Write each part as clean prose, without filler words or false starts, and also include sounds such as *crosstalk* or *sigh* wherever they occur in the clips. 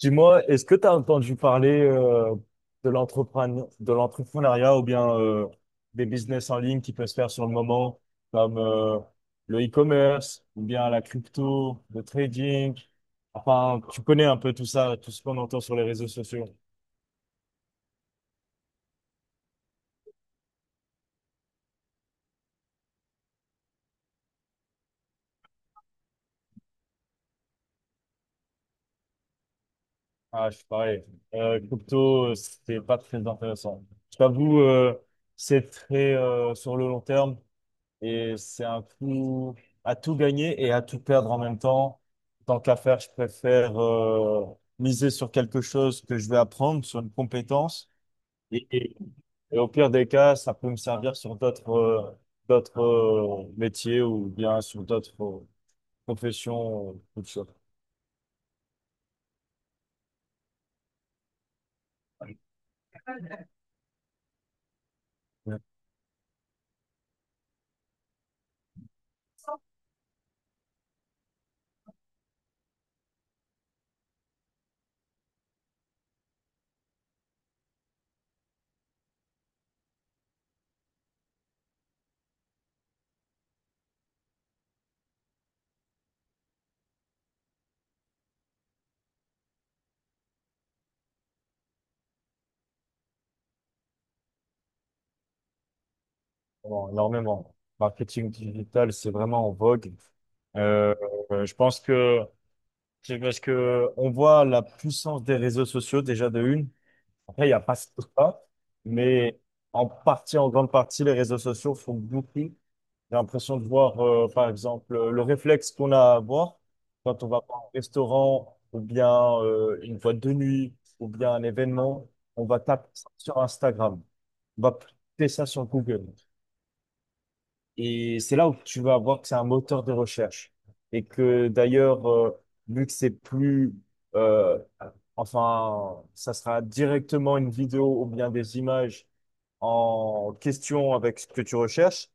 Dis-moi, est-ce que tu as entendu parler de l'entrepreneuriat ou bien des business en ligne qui peuvent se faire sur le moment, comme le e-commerce ou bien la crypto, le trading? Enfin, tu connais un peu tout ça, tout ce qu'on entend sur les réseaux sociaux. Ah, je suis pareil. Crypto, c'est pas très intéressant. Je t'avoue, c'est très sur le long terme. Et c'est un coup à tout gagner et à tout perdre en même temps. Tant qu'à faire, je préfère miser sur quelque chose que je vais apprendre, sur une compétence. Et, et- et au pire des cas, ça peut me servir sur d'autres métiers ou bien sur d'autres professions. Toutes sortes. Ouais. Bon, énormément. Marketing digital, c'est vraiment en vogue. Euh, je pense que c'est parce que on voit la puissance des réseaux sociaux déjà de une. Après, il n'y a pas tout ça, mais en partie, en grande partie, les réseaux sociaux font beaucoup. J'ai l'impression de voir, par exemple, le réflexe qu'on a à avoir quand on va pas au restaurant ou bien une boîte de nuit ou bien un événement, on va taper ça sur Instagram, on va taper ça sur Google. Et c'est là où tu vas voir que c'est un moteur de recherche. Et que d'ailleurs, vu que c'est euh, enfin, ça sera directement une vidéo ou bien des images en question avec ce que tu recherches,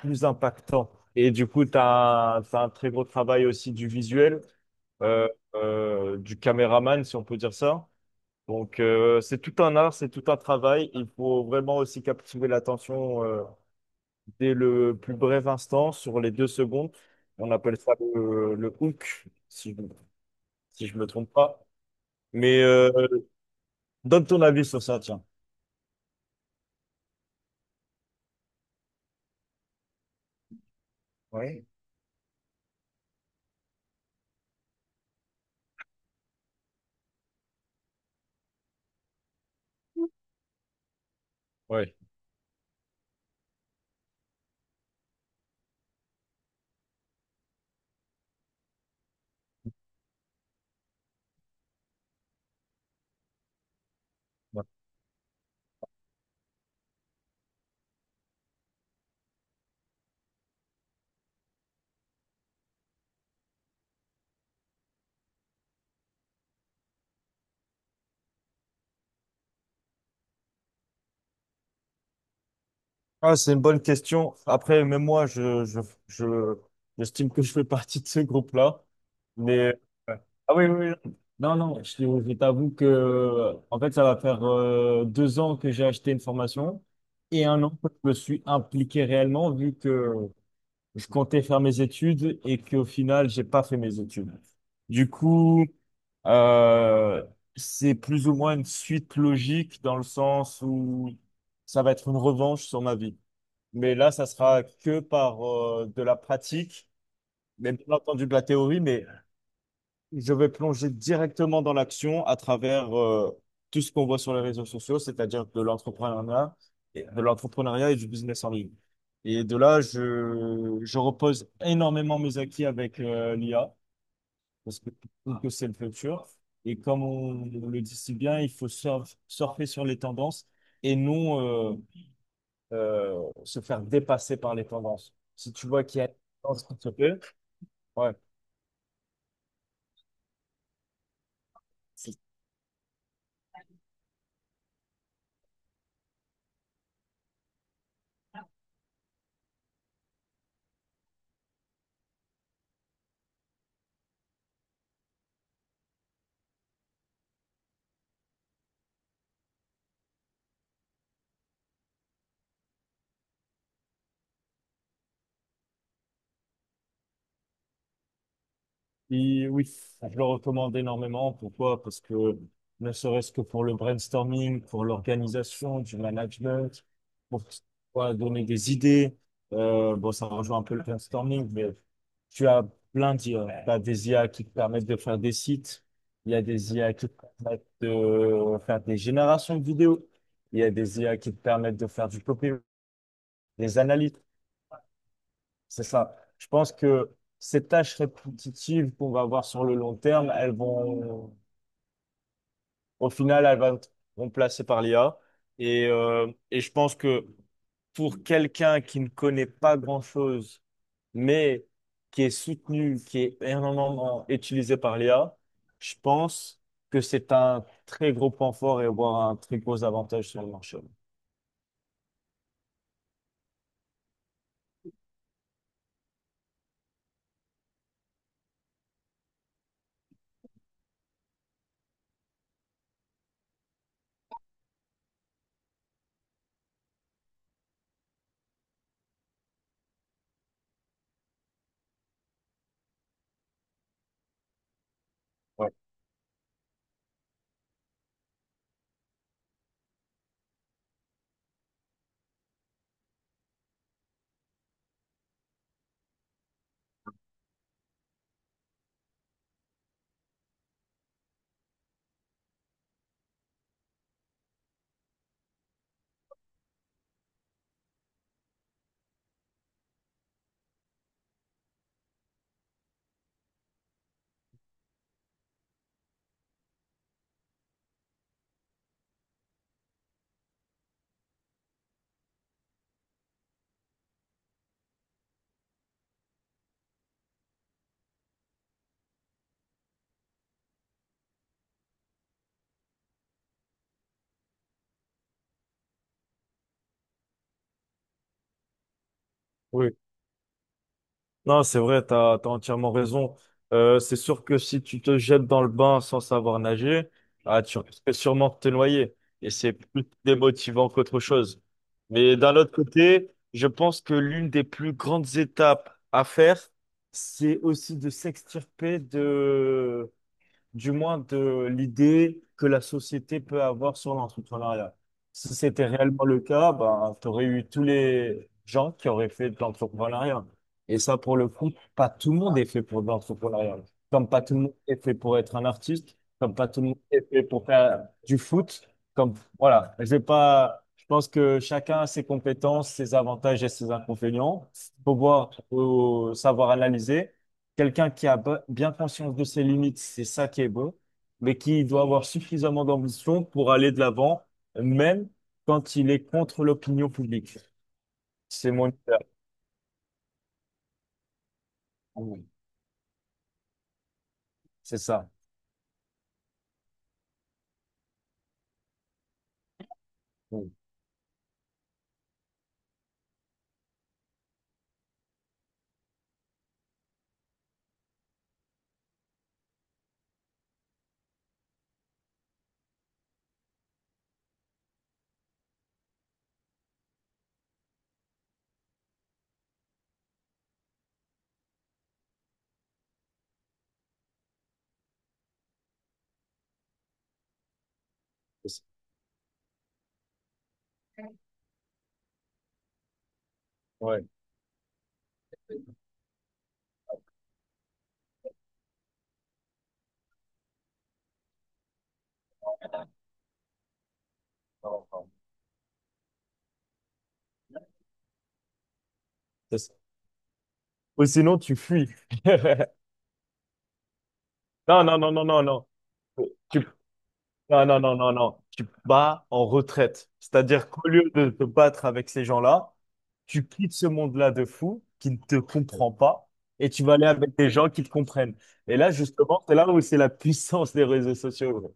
plus impactant. Et du coup, tu as, un t'as un très gros travail aussi du visuel, euh, du caméraman, si on peut dire ça. Donc, c'est tout un art, c'est tout un travail. Il faut vraiment aussi captiver l'attention, dès le plus bref instant, sur les 2 secondes. On appelle ça le hook, si je me trompe pas. Mais donne ton avis sur ça, tiens. Oui. Ouais. Ouais. Ah, c'est une bonne question. Après, même moi, je, j'estime que je fais partie de ce groupe-là. Mais ah oui, oui, oui. Non, non, je t'avoue que en fait, ça va faire 2 ans que j'ai acheté une formation et un an que je me suis impliqué réellement, vu que je comptais faire mes études et qu'au final, j'ai pas fait mes études. Du coup, euh, c'est plus ou moins une suite logique dans le sens où ça va être une revanche sur ma vie. Mais là, ça sera que par de la pratique, même pas entendu de la théorie, mais je vais plonger directement dans l'action à travers tout ce qu'on voit sur les réseaux sociaux, c'est-à-dire de l'entrepreneuriat, de l'entrepreneuriat et du business en ligne. Et de là, je repose énormément mes acquis avec l'IA parce que je trouve que c'est le futur. Et comme on le dit si bien, il faut surfer sur les tendances et non se faire dépasser par les tendances. Si tu vois qu'il y a une tendance qui te plaît, ouais. Et oui, je le recommande énormément. Pourquoi? Parce que ne serait-ce que pour le brainstorming, pour l'organisation, du management, pour voilà, donner des idées. Bon, ça rejoint un peu le brainstorming, mais tu as plein d'IA. Tu as des IA qui te permettent de faire des sites. Il y a des IA qui te permettent de faire des générations de vidéos. Il y a des IA qui te permettent de faire du copy, des analyses. C'est ça. Je pense que ces tâches répétitives qu'on va avoir sur le long terme, elles vont, au final, elles vont être remplacées par l'IA. Et je pense que pour quelqu'un qui ne connaît pas grand-chose, mais qui est soutenu, qui est énormément utilisé par l'IA, je pense que c'est un très gros point fort et voire un très gros avantage sur le marché. Ouais. Oui, non, c'est vrai, t'as entièrement raison. C'est sûr que si tu te jettes dans le bain sans savoir nager, ah, tu risques sûrement de te noyer. Et c'est plus démotivant qu'autre chose. Mais d'un autre côté, je pense que l'une des plus grandes étapes à faire, c'est aussi de s'extirper du moins de l'idée que la société peut avoir sur l'entrepreneuriat. Si c'était réellement le cas, ben, tu aurais eu tous les gens qui auraient fait de l'entrepreneuriat. Et ça, pour le coup, pas tout le monde est fait pour de l'entrepreneuriat. Comme pas tout le monde est fait pour être un artiste, comme pas tout le monde est fait pour faire du foot, comme, voilà, je vais pas, je pense que chacun a ses compétences, ses avantages et ses inconvénients. Faut voir, faut savoir analyser. Quelqu'un qui a bien conscience de ses limites, c'est ça qui est beau, mais qui doit avoir suffisamment d'ambition pour aller de l'avant, même quand il est contre l'opinion publique. C'est mon idéal. Oui. C'est ça. Oui. C'est ça. Ouais. Non, non. C'est ça. Ou sinon, tu fuis. *laughs* Non, non, non, non, non, non. Tu Non, non, non, non, non. Tu te bats en retraite. C'est-à-dire qu'au lieu de te battre avec ces gens-là, tu quittes ce monde-là de fou qui ne te comprend pas et tu vas aller avec des gens qui te comprennent. Et là, justement, c'est là où c'est la puissance des réseaux sociaux. Ouais.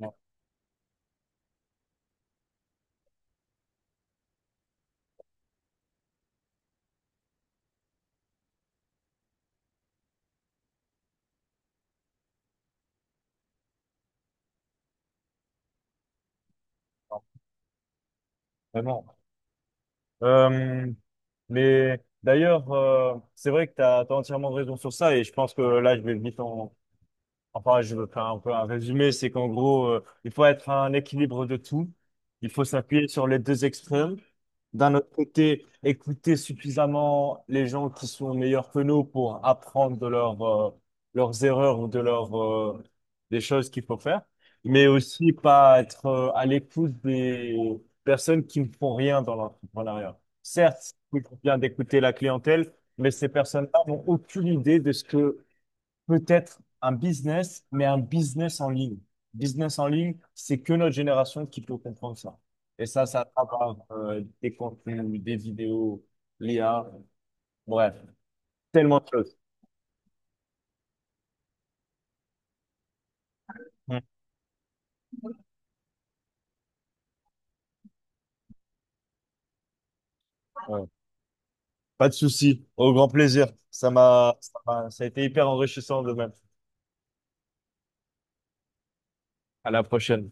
Non, non, vraiment. Euh, mais d'ailleurs, c'est vrai que tu as, entièrement raison sur ça et je pense que là, je vais venir. En Enfin, je veux faire un peu un résumé, c'est qu'en gros, il faut être un équilibre de tout. Il faut s'appuyer sur les deux extrêmes. D'un autre côté, écouter suffisamment les gens qui sont meilleurs que nous pour apprendre de leurs erreurs ou de leurs des choses qu'il faut faire. Mais aussi pas être à l'écoute des personnes qui ne font rien dans l'entrepreneuriat. Certes, c'est toujours bien d'écouter la clientèle, mais ces personnes-là n'ont aucune idée de ce que peut-être un business, mais un business en ligne. Business en ligne, c'est que notre génération qui peut comprendre ça. Et ça, ça va des contenus, des vidéos, l'IA, bref, tellement de choses. Mm. Ouais. Pas de souci, au grand plaisir. Ça a été hyper enrichissant de même. À la prochaine.